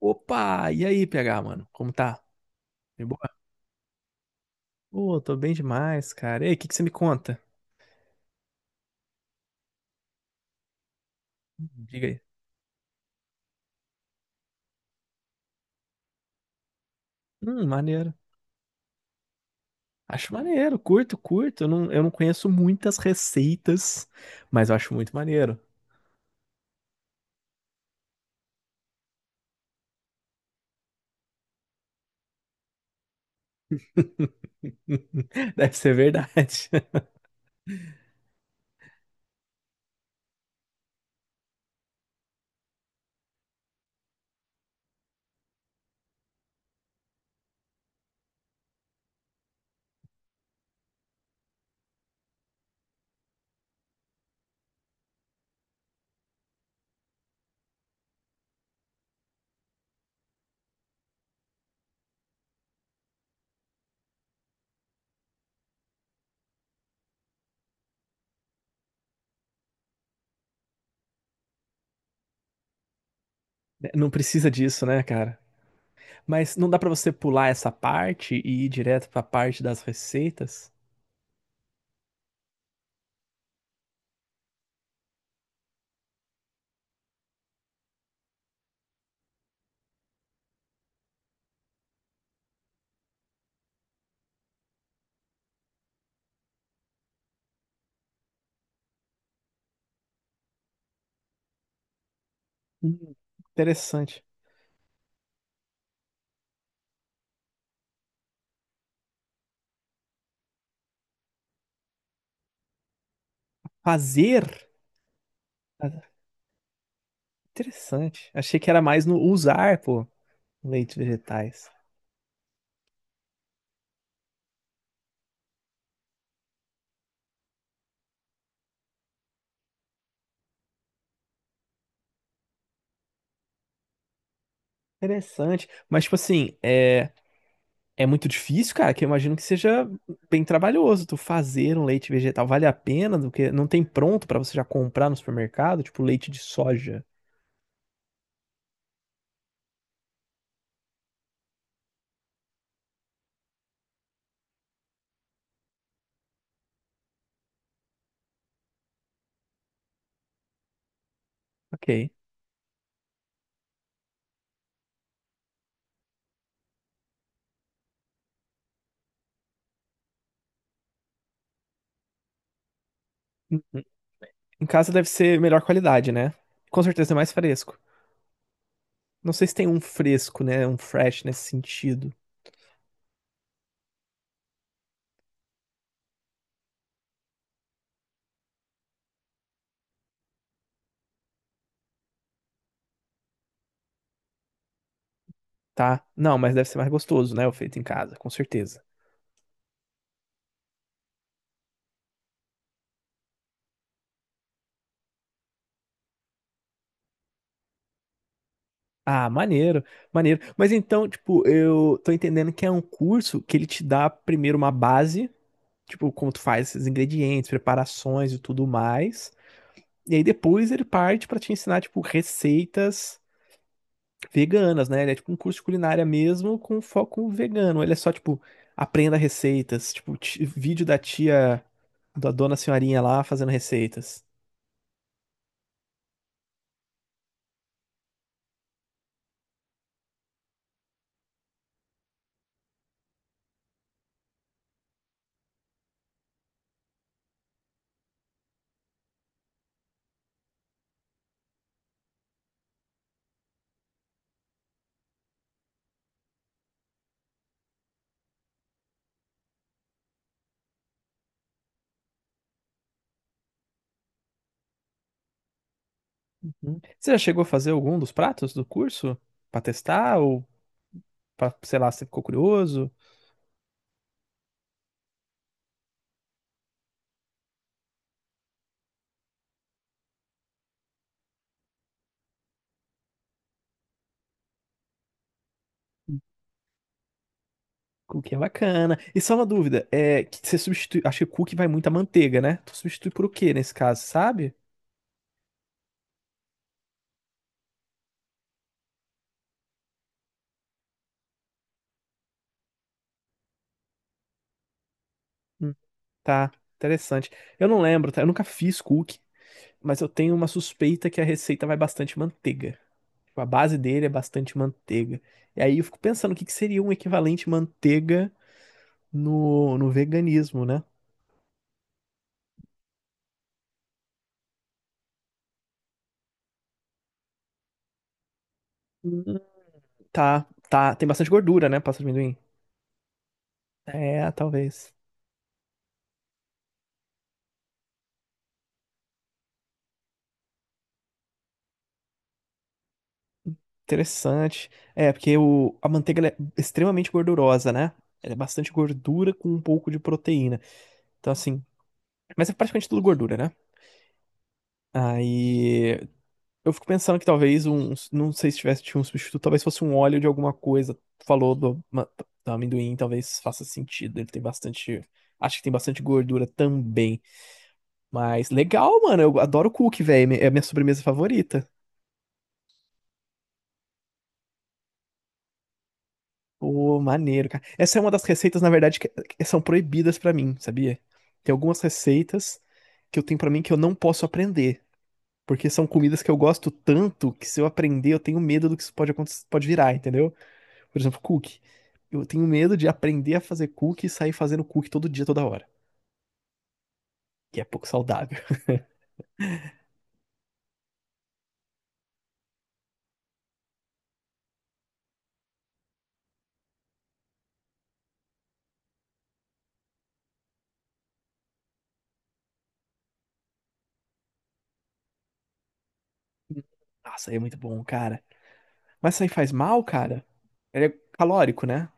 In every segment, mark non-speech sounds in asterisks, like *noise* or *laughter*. Opa! E aí, PH, mano? Como tá? De boa? Pô, tô bem demais, cara. E aí, o que que você me conta? Diga aí. Maneiro. Acho maneiro, curto, curto. Eu não conheço muitas receitas, mas eu acho muito maneiro. *laughs* Deve ser verdade. *laughs* Não precisa disso, né, cara? Mas não dá pra você pular essa parte e ir direto pra parte das receitas? Hum, interessante. Fazer? Ah, interessante. Achei que era mais no usar, pô. Leite vegetais. Interessante. Mas, tipo assim, é muito difícil, cara, que eu imagino que seja bem trabalhoso tu fazer um leite vegetal. Vale a pena? Do que não tem pronto pra você já comprar no supermercado, tipo leite de soja. Ok. Em casa deve ser melhor qualidade, né? Com certeza é mais fresco. Não sei se tem um fresco, né? Um fresh nesse sentido, tá? Não, mas deve ser mais gostoso, né? O feito em casa, com certeza. Ah, maneiro, maneiro. Mas então, tipo, eu tô entendendo que é um curso que ele te dá primeiro uma base, tipo, como tu faz esses ingredientes, preparações e tudo mais. E aí depois ele parte pra te ensinar, tipo, receitas veganas, né? Ele é tipo um curso de culinária mesmo com foco vegano. Ele é só, tipo, aprenda receitas, tipo, vídeo da tia, da dona senhorinha lá fazendo receitas. Uhum. Você já chegou a fazer algum dos pratos do curso? Pra testar ou pra, sei lá, você ficou curioso? Cookie é bacana. E só uma dúvida, é que você substitui, acho que cookie vai muito muita manteiga, né? Tu substitui por o quê nesse caso, sabe? Hum, tá, interessante. Eu não lembro, tá? Eu nunca fiz cookie, mas eu tenho uma suspeita que a receita vai bastante manteiga. Tipo, a base dele é bastante manteiga. E aí eu fico pensando o que que seria um equivalente manteiga no veganismo, né? Hum, tá, tá, tem bastante gordura, né? Pasta de amendoim. É, talvez. Interessante. É, porque a manteiga ela é extremamente gordurosa, né? Ela é bastante gordura com um pouco de proteína. Então, assim. Mas é praticamente tudo gordura, né? Aí. Eu fico pensando que não sei se tivesse tinha um substituto, talvez fosse um óleo de alguma coisa. Tu falou do do amendoim, talvez faça sentido. Ele tem bastante. Acho que tem bastante gordura também. Mas legal, mano. Eu adoro cookie, velho. É a minha sobremesa favorita. Pô, maneiro, cara. Essa é uma das receitas, na verdade, que são proibidas pra mim, sabia? Tem algumas receitas que eu tenho pra mim que eu não posso aprender, porque são comidas que eu gosto tanto que se eu aprender eu tenho medo do que isso pode acontecer, pode virar, entendeu? Por exemplo, cookie. Eu tenho medo de aprender a fazer cookie e sair fazendo cookie todo dia, toda hora, que é pouco saudável. *laughs* Nossa, é muito bom, cara. Mas isso aí faz mal, cara? Ele é calórico, né?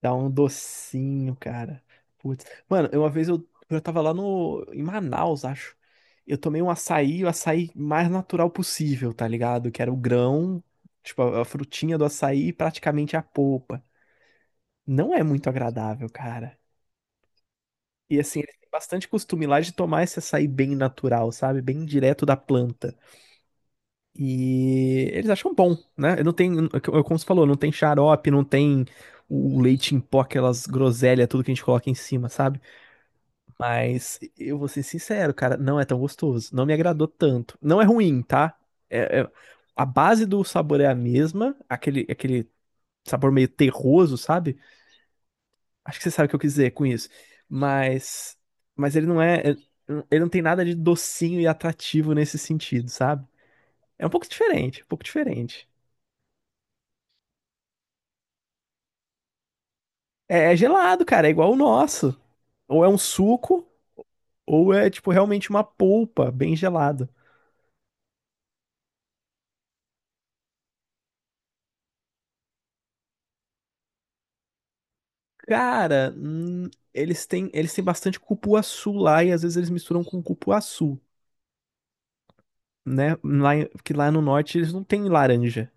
Dá um docinho, cara. Putz. Mano, uma vez eu tava lá no, em Manaus, acho. Eu tomei um açaí, o açaí mais natural possível, tá ligado? Que era o grão, tipo, a frutinha do açaí e praticamente a polpa. Não é muito agradável, cara. E assim, eles têm bastante costume lá de tomar esse açaí bem natural, sabe? Bem direto da planta. E eles acham bom, né? Não tem, como você falou, não tem xarope, não tem o leite em pó, aquelas groselhas, tudo que a gente coloca em cima, sabe? Mas eu vou ser sincero, cara, não é tão gostoso. Não me agradou tanto. Não é ruim, tá? É- é- a base do sabor é a mesma, aquele sabor meio terroso, sabe? Acho que você sabe o que eu quis dizer com isso. Mas, mas ele ele não tem nada de docinho e atrativo nesse sentido, sabe? É um pouco diferente, um pouco diferente. É, é gelado, cara, é igual o nosso. Ou é um suco, ou é tipo realmente uma polpa bem gelada. Cara, eles têm bastante cupuaçu lá e às vezes eles misturam com cupuaçu, né? Lá, porque lá no norte eles não têm laranja.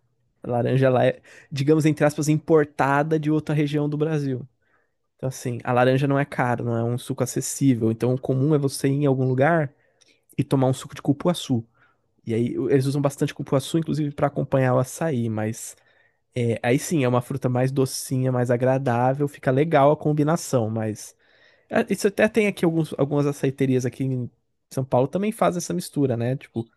A laranja lá é, digamos, entre aspas, importada de outra região do Brasil. Então, assim, a laranja não é cara, não é um suco acessível. Então, o comum é você ir em algum lugar e tomar um suco de cupuaçu. E aí eles usam bastante cupuaçu, inclusive, para acompanhar o açaí, mas é, aí sim, é uma fruta mais docinha, mais agradável, fica legal a combinação, mas. É, isso até tem aqui algumas açaiterias aqui em São Paulo também fazem essa mistura, né? Tipo,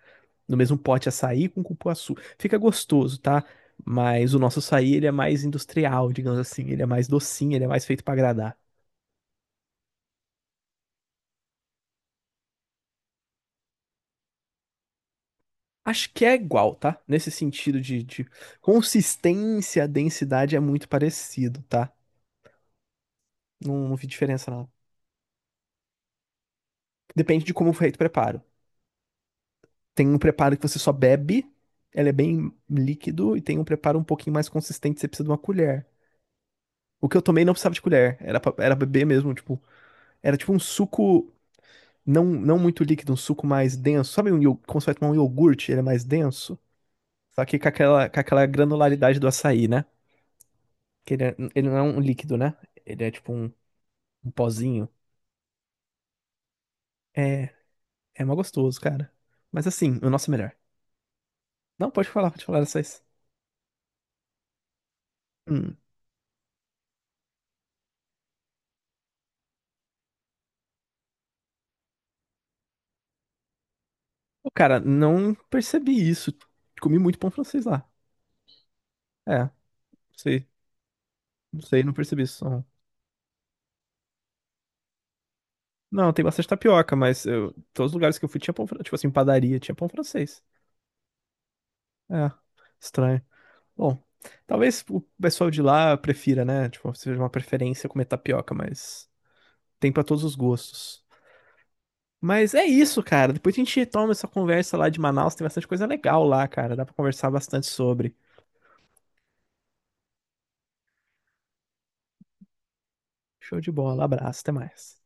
no mesmo pote açaí com cupuaçu. Fica gostoso, tá? Mas o nosso açaí, ele é mais industrial, digamos assim. Ele é mais docinho, ele é mais feito pra agradar. Acho que é igual, tá? Nesse sentido de consistência, densidade é muito parecido, tá? Não, não vi diferença, não. Depende de como foi feito o preparo. Tem um preparo que você só bebe, ele é bem líquido, e tem um preparo um pouquinho mais consistente, você precisa de uma colher. O que eu tomei não precisava de colher, era, era beber mesmo, tipo, era tipo um suco não, não muito líquido, um suco mais denso. Sabe um, como você vai tomar um iogurte, ele é mais denso? Só que com aquela granularidade do açaí, né? Que ele, ele não é um líquido, né? Ele é tipo um, um pozinho. É, é mó gostoso, cara. Mas assim, o nosso é melhor. Não, pode falar dessas. Hum. Pô, cara, não percebi isso. Comi muito pão francês lá. É, não sei, não sei, não percebi isso. Não, tem bastante tapioca, mas todos os lugares que eu fui tinha pão, tipo assim, padaria, tinha pão francês. É, estranho. Bom, talvez o pessoal de lá prefira, né? Tipo, seja uma preferência comer tapioca, mas tem pra todos os gostos. Mas é isso, cara. Depois a gente retoma essa conversa lá de Manaus, tem bastante coisa legal lá, cara. Dá pra conversar bastante sobre. Show de bola, abraço, até mais.